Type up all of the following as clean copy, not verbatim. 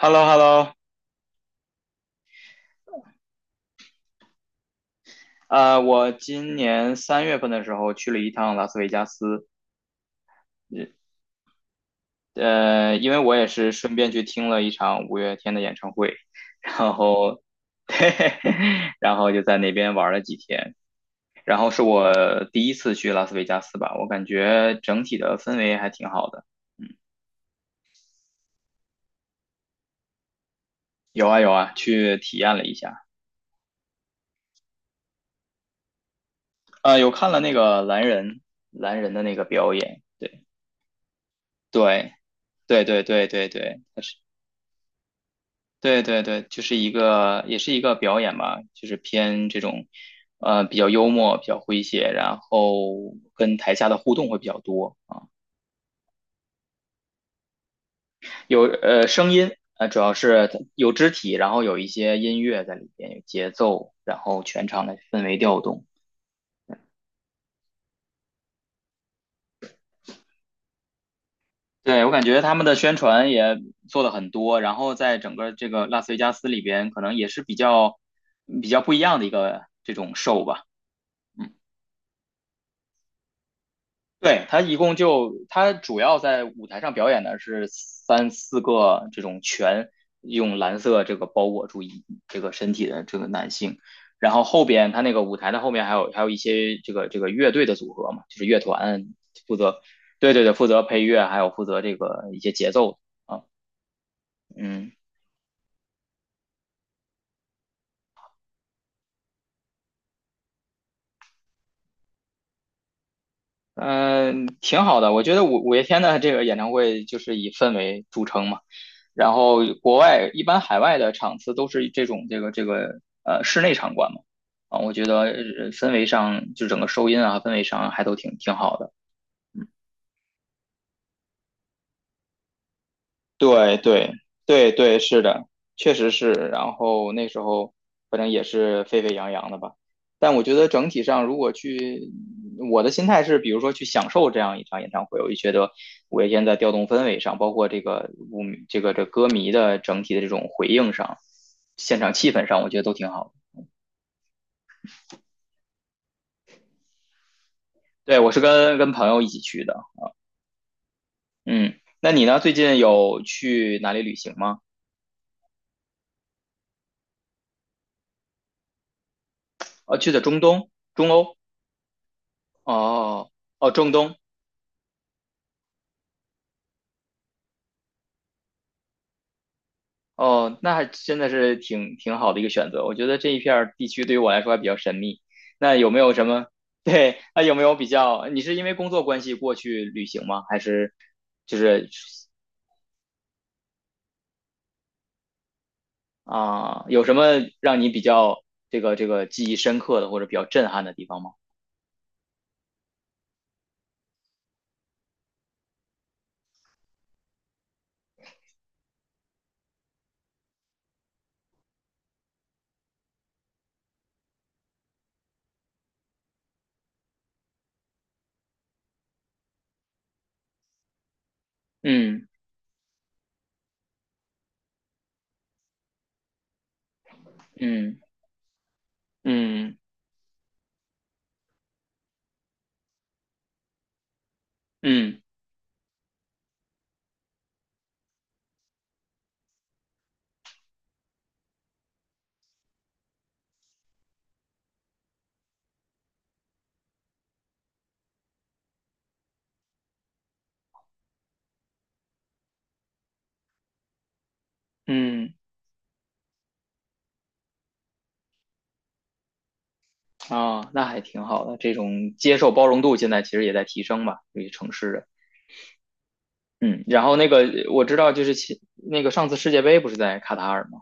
Hello, hello.。 我今年3月份的时候去了一趟拉斯维加斯。因为我也是顺便去听了一场五月天的演唱会，然后，对，然后就在那边玩了几天。然后是我第一次去拉斯维加斯吧，我感觉整体的氛围还挺好的。嗯。有啊有啊，去体验了一下。啊，有看了那个蓝人的那个表演。对对对对对对对，他是。对对对，就是一个也是一个表演吧，就是偏这种，比较幽默，比较诙谐，然后跟台下的互动会比较多啊。有声音，主要是有肢体，然后有一些音乐在里边，有节奏，然后全场的氛围调动。对，我感觉他们的宣传也做了很多，然后在整个这个拉斯维加斯里边，可能也是比较不一样的一个这种 show 吧。嗯。对，他一共就他主要在舞台上表演的是3、4个这种全用蓝色这个包裹住这个身体的这个男性，然后后边他那个舞台的后面还有一些这个乐队的组合嘛，就是乐团负责。对对对，负责配乐，还有负责这个一些节奏啊。嗯嗯，挺好的，我觉得五月天的这个演唱会就是以氛围著称嘛。然后国外一般海外的场次都是这种这个室内场馆嘛。啊，我觉得氛围上就整个收音啊氛围上还都挺好的。对对对对，是的，确实是。然后那时候反正也是沸沸扬扬的吧。但我觉得整体上，如果去，我的心态是，比如说去享受这样一场演唱会，我就觉得五月天在调动氛围上，包括这个舞这个这歌迷的整体的这种回应上，现场气氛上，我觉得都挺好的。对，我是跟朋友一起去的。嗯，那你呢？最近有去哪里旅行吗？哦，去的中东、中欧。哦哦，中东。哦，那还真的是挺好的一个选择。我觉得这一片儿地区对于我来说还比较神秘。那有没有什么？对，那有没有比较？你是因为工作关系过去旅行吗？还是就是啊，有什么让你比较这个记忆深刻的或者比较震撼的地方吗？嗯嗯嗯嗯嗯。嗯。啊，那还挺好的，这种接受包容度现在其实也在提升吧，对于城市人。嗯，然后那个我知道，就是那个上次世界杯不是在卡塔尔吗？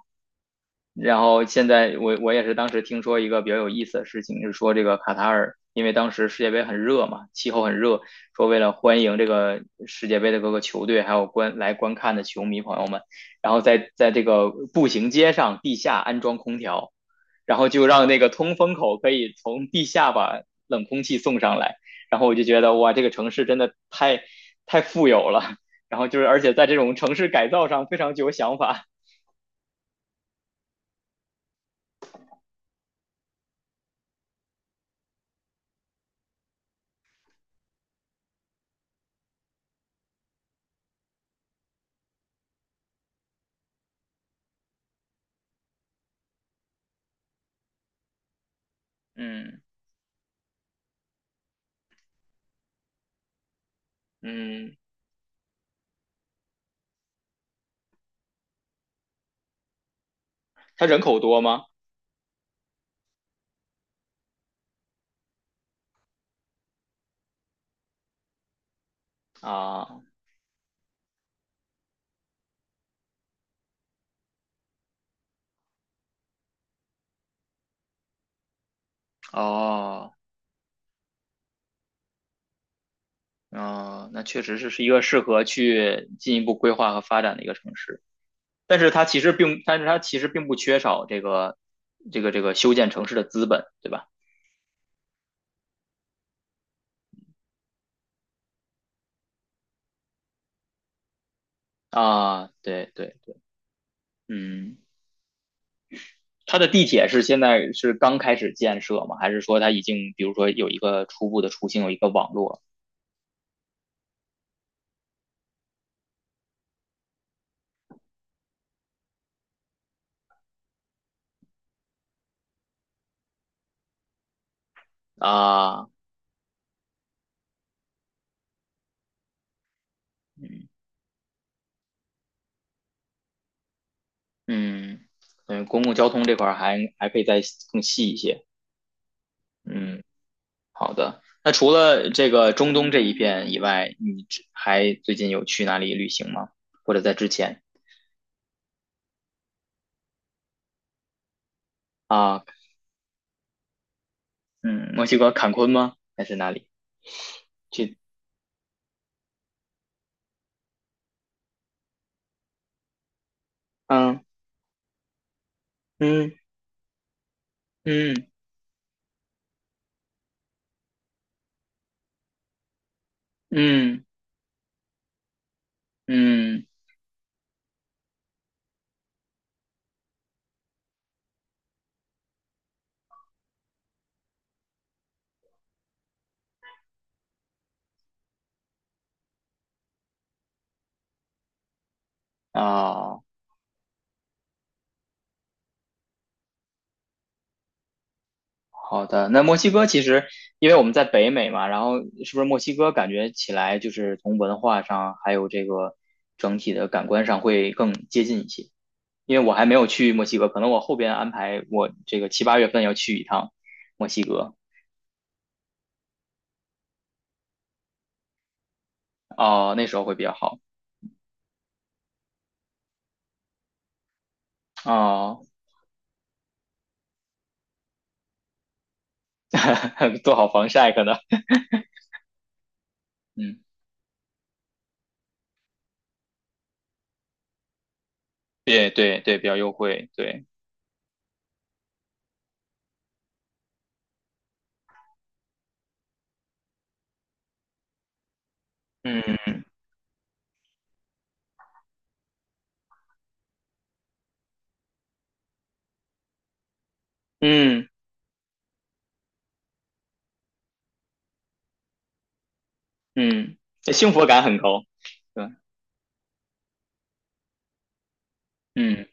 然后现在我也是当时听说一个比较有意思的事情，是说这个卡塔尔，因为当时世界杯很热嘛，气候很热，说为了欢迎这个世界杯的各个球队，还有观看的球迷朋友们，然后在这个步行街上地下安装空调，然后就让那个通风口可以从地下把冷空气送上来。然后我就觉得哇，这个城市真的太富有了。然后就是而且在这种城市改造上非常具有想法。嗯嗯。它人口多吗？啊，哦，哦，那确实是一个适合去进一步规划和发展的一个城市。但是它其实并，不缺少这个这个修建城市的资本，对吧？啊，对对，嗯，它的地铁是现在是刚开始建设吗？还是说它已经，比如说有一个初步的雏形，有一个网络啊？嗯嗯，嗯，公共交通这块儿还可以再更细一些。嗯。好的，那除了这个中东这一片以外，你之还最近有去哪里旅行吗？或者在之前。啊，嗯，墨西哥坎昆吗？还是哪里去？嗯嗯嗯嗯嗯啊，好的。那墨西哥其实，因为我们在北美嘛，然后是不是墨西哥感觉起来就是从文化上还有这个整体的感官上会更接近一些？因为我还没有去墨西哥，可能我后边安排我这个7、8月份要去一趟墨西哥。哦，那时候会比较好。哦，做好防晒可能。嗯，对对对，比较优惠，对。嗯嗯嗯，这幸福感很高，对。嗯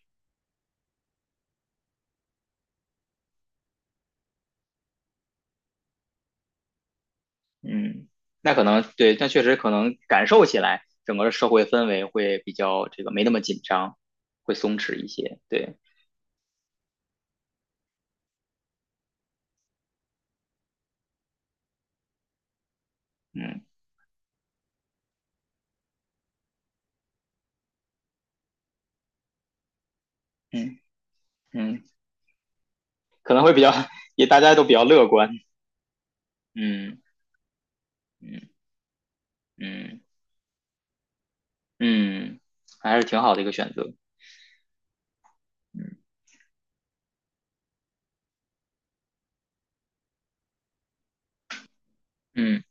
嗯，那可能对，但确实可能感受起来，整个社会氛围会比较这个没那么紧张，会松弛一些，对。嗯嗯嗯，可能会比较 也大家都比较乐观。嗯嗯。嗯嗯，还是挺好的一个选择。嗯嗯，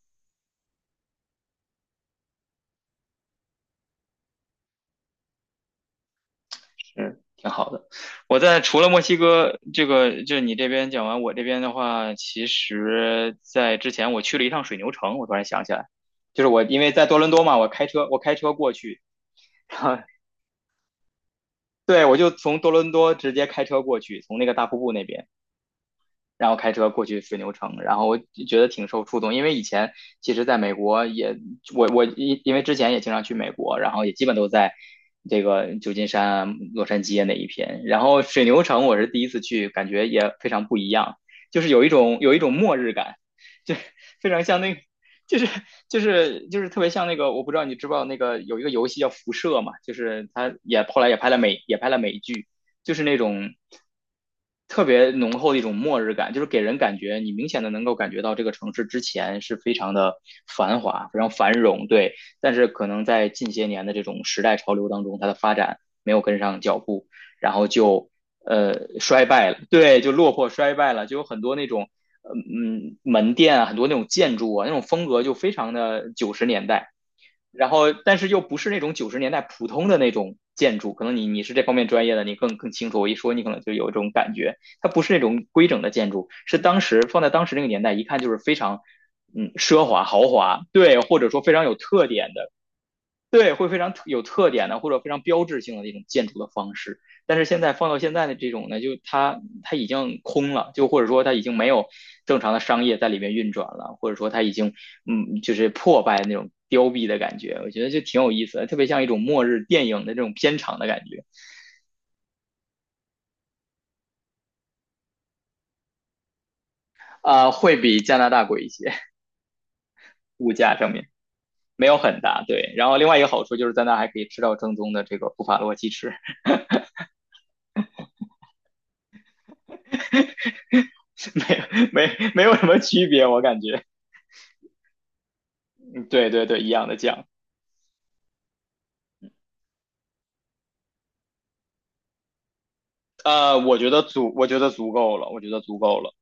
是挺好的。我在除了墨西哥这个，就是你这边讲完，我这边的话，其实在之前我去了一趟水牛城，我突然想起来，就是我因为在多伦多嘛，我开车过去。然后对我就从多伦多直接开车过去，从那个大瀑布那边。然后开车过去水牛城，然后我觉得挺受触动，因为以前其实在美国也，我因为之前也经常去美国，然后也基本都在这个旧金山啊、洛杉矶啊那一片，然后水牛城我是第一次去，感觉也非常不一样，就是有一种末日感。就 非常像那个。就是就是就是特别像那个，我不知道你知不知道那个有一个游戏叫《辐射》嘛，就是它也后来也拍了美剧，就是那种特别浓厚的一种末日感，就是给人感觉你明显的能够感觉到这个城市之前是非常的繁华、非常繁荣，对。但是可能在近些年的这种时代潮流当中，它的发展没有跟上脚步，然后就衰败了，对，就落魄衰败了，就有很多那种。嗯嗯，门店啊，很多那种建筑啊，那种风格就非常的九十年代。然后但是又不是那种九十年代普通的那种建筑，可能你是这方面专业的，你更清楚。我一说你可能就有这种感觉，它不是那种规整的建筑，是当时放在当时那个年代，一看就是非常奢华豪华，对，或者说非常有特点的。对，会非常有特点的或者非常标志性的那种建筑的方式。但是现在放到现在的这种呢，就它已经空了，就或者说它已经没有正常的商业在里面运转了，或者说它已经就是破败那种凋敝的感觉。我觉得就挺有意思的，特别像一种末日电影的这种片场的感觉。啊,会比加拿大贵一些，物价上面没有很大。对，然后另外一个好处就是在那还可以吃到正宗的这个布法罗鸡翅。没有什么区别，我感觉。嗯对对对，一样的酱。我觉得足够了，我觉得足够了。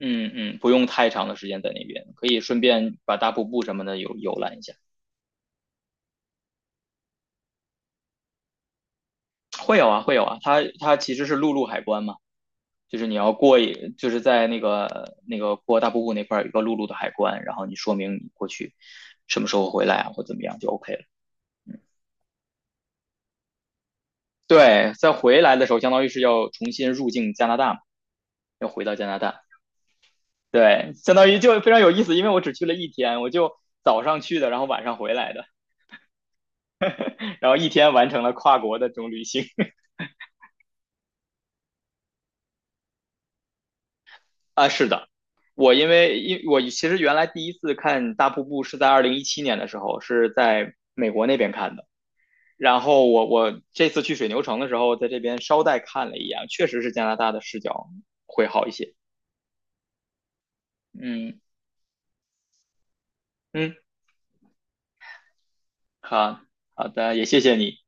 嗯嗯，不用太长的时间在那边，可以顺便把大瀑布什么的游览一下。会有啊，会有啊，它其实是陆路海关嘛，就是你要就是在那个过大瀑布那块儿有一个陆路的海关，然后你说明你过去什么时候回来啊，或怎么样就 OK 了。对，在回来的时候，相当于是要重新入境加拿大嘛，要回到加拿大。对，相当于就非常有意思，因为我只去了一天，我就早上去的，然后晚上回来的。然后一天完成了跨国的这种旅行。 啊。是的，我因为因我其实原来第一次看大瀑布是在2017年的时候，是在美国那边看的。然后我这次去水牛城的时候，在这边捎带看了一眼，确实是加拿大的视角会好一些。嗯嗯，好,好的,也谢谢你。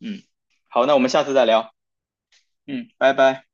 嗯，好，那我们下次再聊。嗯，拜拜。